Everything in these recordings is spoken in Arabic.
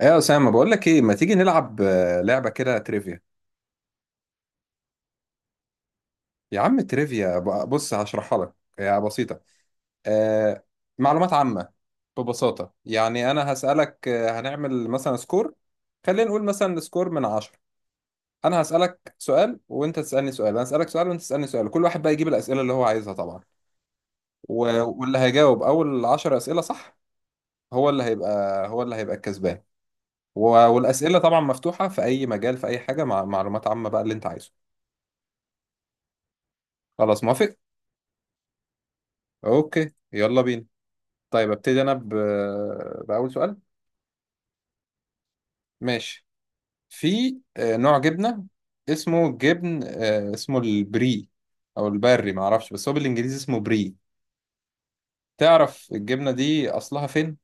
ايه يا اسامه، بقول لك ايه، ما تيجي نلعب لعبه كده تريفيا؟ يا عم تريفيا، بص هشرحها لك، هي بسيطه. آه. معلومات عامه. ببساطه يعني انا هسالك، هنعمل مثلا سكور. خلينا نقول مثلا سكور من عشرة. انا هسالك سؤال وانت تسالني سؤال انا هسالك سؤال وانت تسالني سؤال، كل واحد بقى يجيب الاسئله اللي هو عايزها طبعا. واللي هيجاوب اول 10 اسئله صح هو اللي هيبقى الكسبان. والاسئله طبعا مفتوحه في اي مجال، في اي حاجه، مع معلومات عامه بقى اللي انت عايزه. خلاص، موافق؟ اوكي، يلا بينا. طيب ابتدي انا باول سؤال. ماشي. في نوع جبنه، اسمه جبن، اسمه البري، او البري ما اعرفش، بس هو بالانجليزي اسمه بري. تعرف الجبنه دي اصلها فين؟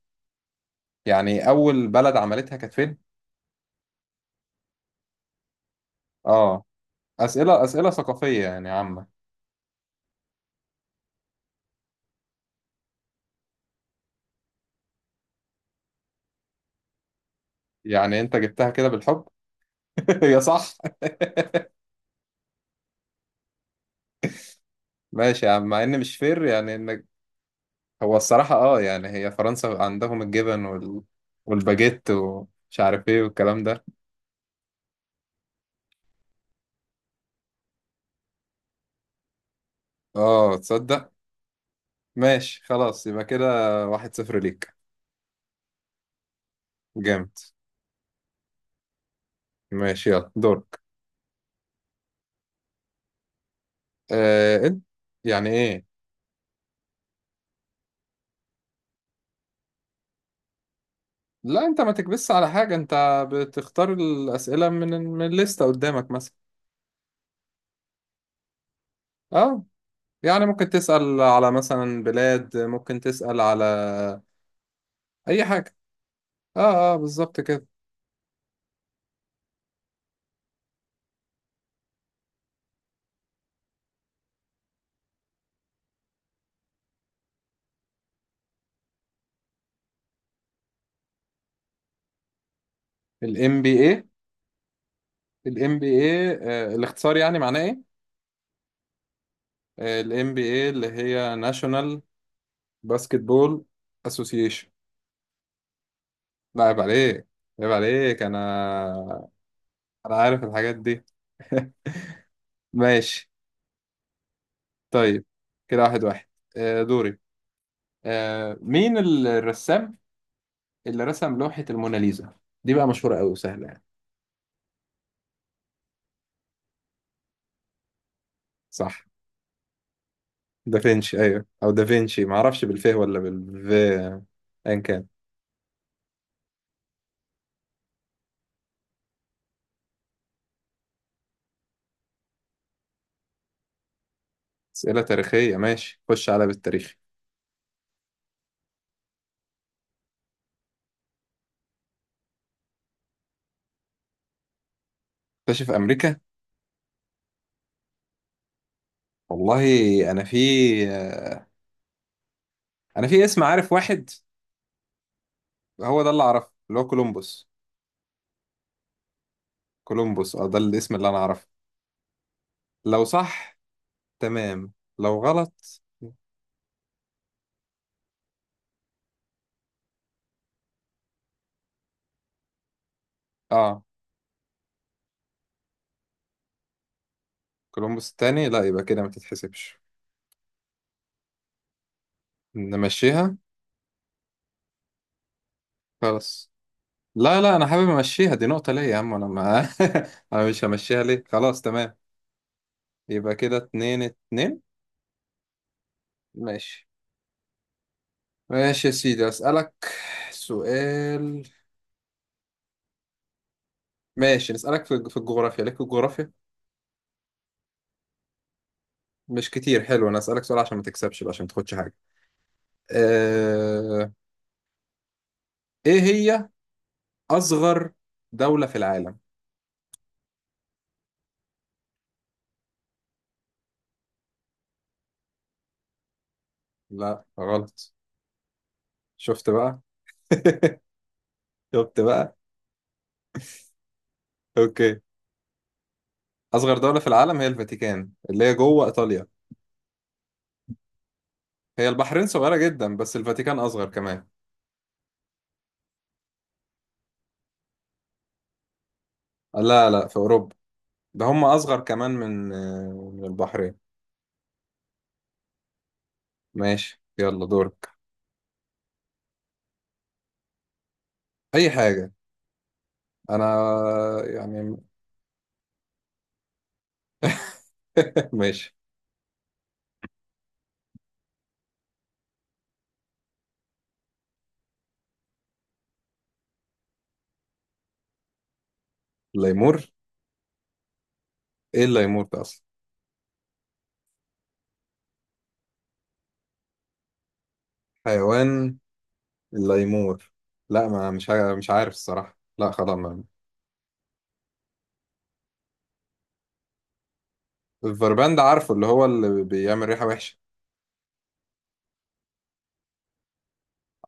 يعني اول بلد عملتها كانت فين؟ اه، اسئله ثقافيه يعني عامه. يعني انت جبتها كده بالحب. يا صح. ماشي يا عم، مع ان مش فير يعني انك، هو الصراحة اه يعني هي فرنسا عندهم الجبن والباجيت ومش عارف ايه والكلام ده. اه، تصدق. ماشي، خلاص يبقى كده. واحد صفر ليك. جامد. ماشي، يلا دورك. آه، انت. يعني ايه؟ لا، انت ما تكبسش على حاجة، انت بتختار الأسئلة من الليستة قدامك مثلا. اه. يعني ممكن تسأل على مثلا بلاد، ممكن تسأل على أي حاجة. اه، اه، بالظبط كده. ال MBA ال MBA الاختصار يعني معناه إيه؟ ال NBA، اللي هي ناشونال، باسكتبول، اسوسيشن. لا، عيب عليك. عيب عليك انا، انا عارف الحاجات دي. ماشي. طيب كده واحد واحد. دوري. مين الرسام اللي رسم لوحة الموناليزا؟ دي بقى مشهورة قوي وسهلة يعني. صح، دافنشي ايوه، او دافنشي، ما اعرفش بالف ولا بالف ان كان. اسئلة تاريخية، ماشي، خش على بالتاريخ. اكتشف امريكا؟ والله، انا في، آه، انا في اسم عارف واحد، هو ده اللي اعرفه، اللي هو كولومبوس. كولومبوس، اه، ده الاسم اللي انا اعرفه، لو صح. تمام. لو غلط. اه، كولومبوس التاني؟ لا، يبقى كده ما تتحسبش. نمشيها؟ خلاص. لا، لا، انا حابب امشيها، دي نقطة ليا يا عم، انا ما... انا مش همشيها ليه، خلاص تمام. يبقى كده اتنين اتنين. ماشي. ماشي يا سيدي، اسألك سؤال. ماشي، نسألك في الجغرافيا، ليك في الجغرافيا؟ مش كتير، حلو، انا اسألك سؤال عشان ما تكسبش بقى، عشان ما تاخدش حاجة. أه... ايه هي أصغر دولة في العالم؟ لا، غلط. شفت بقى. شفت بقى. أوكي. أصغر دولة في العالم هي الفاتيكان، اللي هي جوه إيطاليا. هي البحرين صغيرة جدا، بس الفاتيكان أصغر كمان. لا، لا، في أوروبا. ده هم أصغر كمان من البحرين. ماشي، يلا دورك. أي حاجة. أنا يعني. ماشي. الليمور؟ إيه الليمور ده أصلا؟ حيوان؟ الليمور، لا، ما مش عارف الصراحة، لا خلاص ما. الفربان ده عارفه، اللي هو اللي بيعمل ريحة وحشة.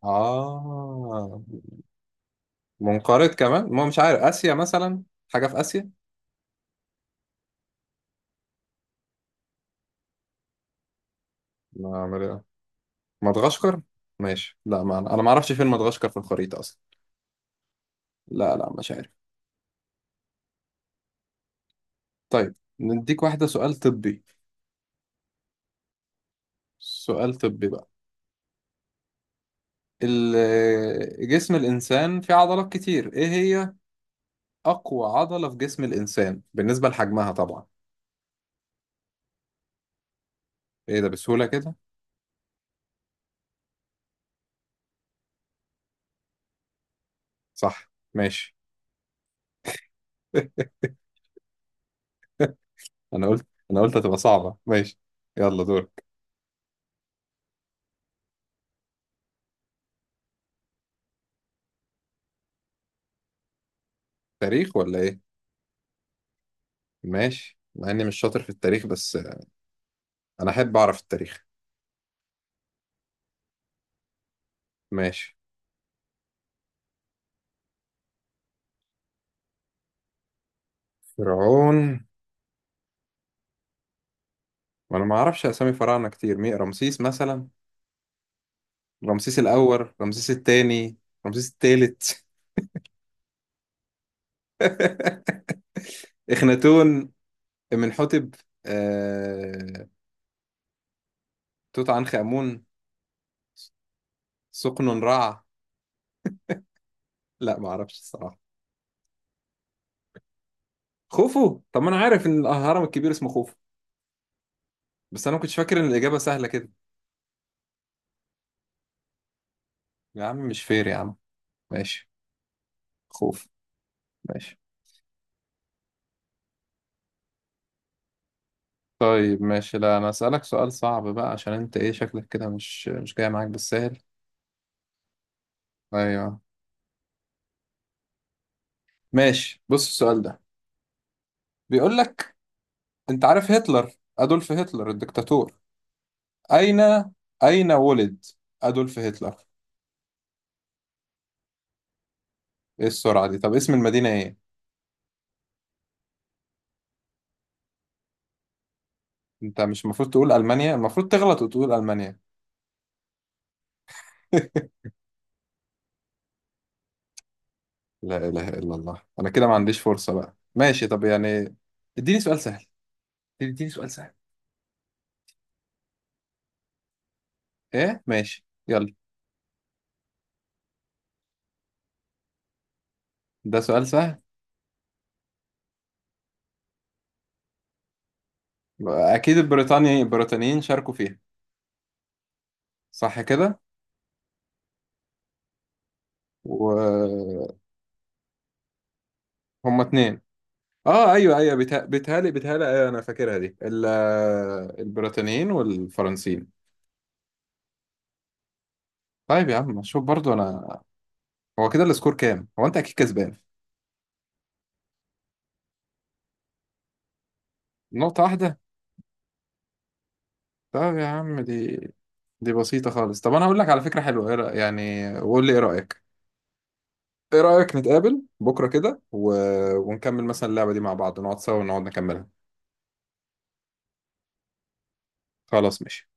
آه. منقرض كمان، ما هو مش عارف، آسيا مثلا؟ حاجة في آسيا؟ ما أعمل إيه؟ مدغشقر. ماشي، لا ما أنا ما أعرفش فين مدغشقر في الخريطة أصلا. لا، لا، مش عارف. طيب، نديك واحدة، سؤال طبي. سؤال طبي بقى. جسم الإنسان فيه عضلات كتير، إيه هي أقوى عضلة في جسم الإنسان بالنسبة لحجمها طبعا؟ إيه ده، بسهولة كده؟ صح، ماشي. أنا قلت هتبقى صعبة، ماشي. يلا دور. تاريخ ولا ايه؟ ماشي، مع اني مش شاطر في التاريخ، بس انا احب اعرف التاريخ. ماشي. فرعون؟ وانا ما اعرفش اسامي فراعنه كتير، مين، رمسيس مثلا، رمسيس الاول، رمسيس الثاني، رمسيس الثالث. اخناتون، amenhotep، آه... توت عنخ امون، سقنن رع. لا ما اعرفش الصراحه. خوفو؟ طب ما انا عارف ان الهرم الكبير اسمه خوفو، بس انا ما كنتش فاكر ان الاجابه سهله كده. يا عم مش فير يا عم. ماشي. خوف. ماشي. طيب، ماشي، لا انا اسالك سؤال صعب بقى، عشان انت ايه، شكلك كده مش جاي معاك بالسهل. ايوه. ماشي، بص السؤال ده بيقول لك، انت عارف هتلر، ادولف هتلر الدكتاتور، اين، اين ولد ادولف هتلر؟ ايه السرعه دي، طب اسم المدينه ايه؟ انت مش المفروض تقول المانيا؟ المفروض تغلط وتقول المانيا. لا اله الا الله، انا كده ما عنديش فرصه بقى، ماشي، طب يعني اديني سؤال سهل. اديني سؤال سهل. ايه ماشي يلا. ده سؤال سهل. اكيد البريطانيين شاركوا فيها، صح كده؟ وهم اتنين. اه، ايوه، ايوه، بيتهيألي ايوه، انا فاكرها دي البريطانيين والفرنسيين. طيب يا عم، شوف برضو انا، هو كده السكور كام؟ هو انت اكيد كسبان. نقطة واحدة. طيب يا عم، دي بسيطة خالص، طب انا هقول لك على فكرة حلوة، إيه يعني وقول لي ايه رأيك. ايه رأيك نتقابل بكرة كده ونكمل مثلا اللعبة دي مع بعض، نقعد سوا ونقعد نكملها. خلاص، ماشي.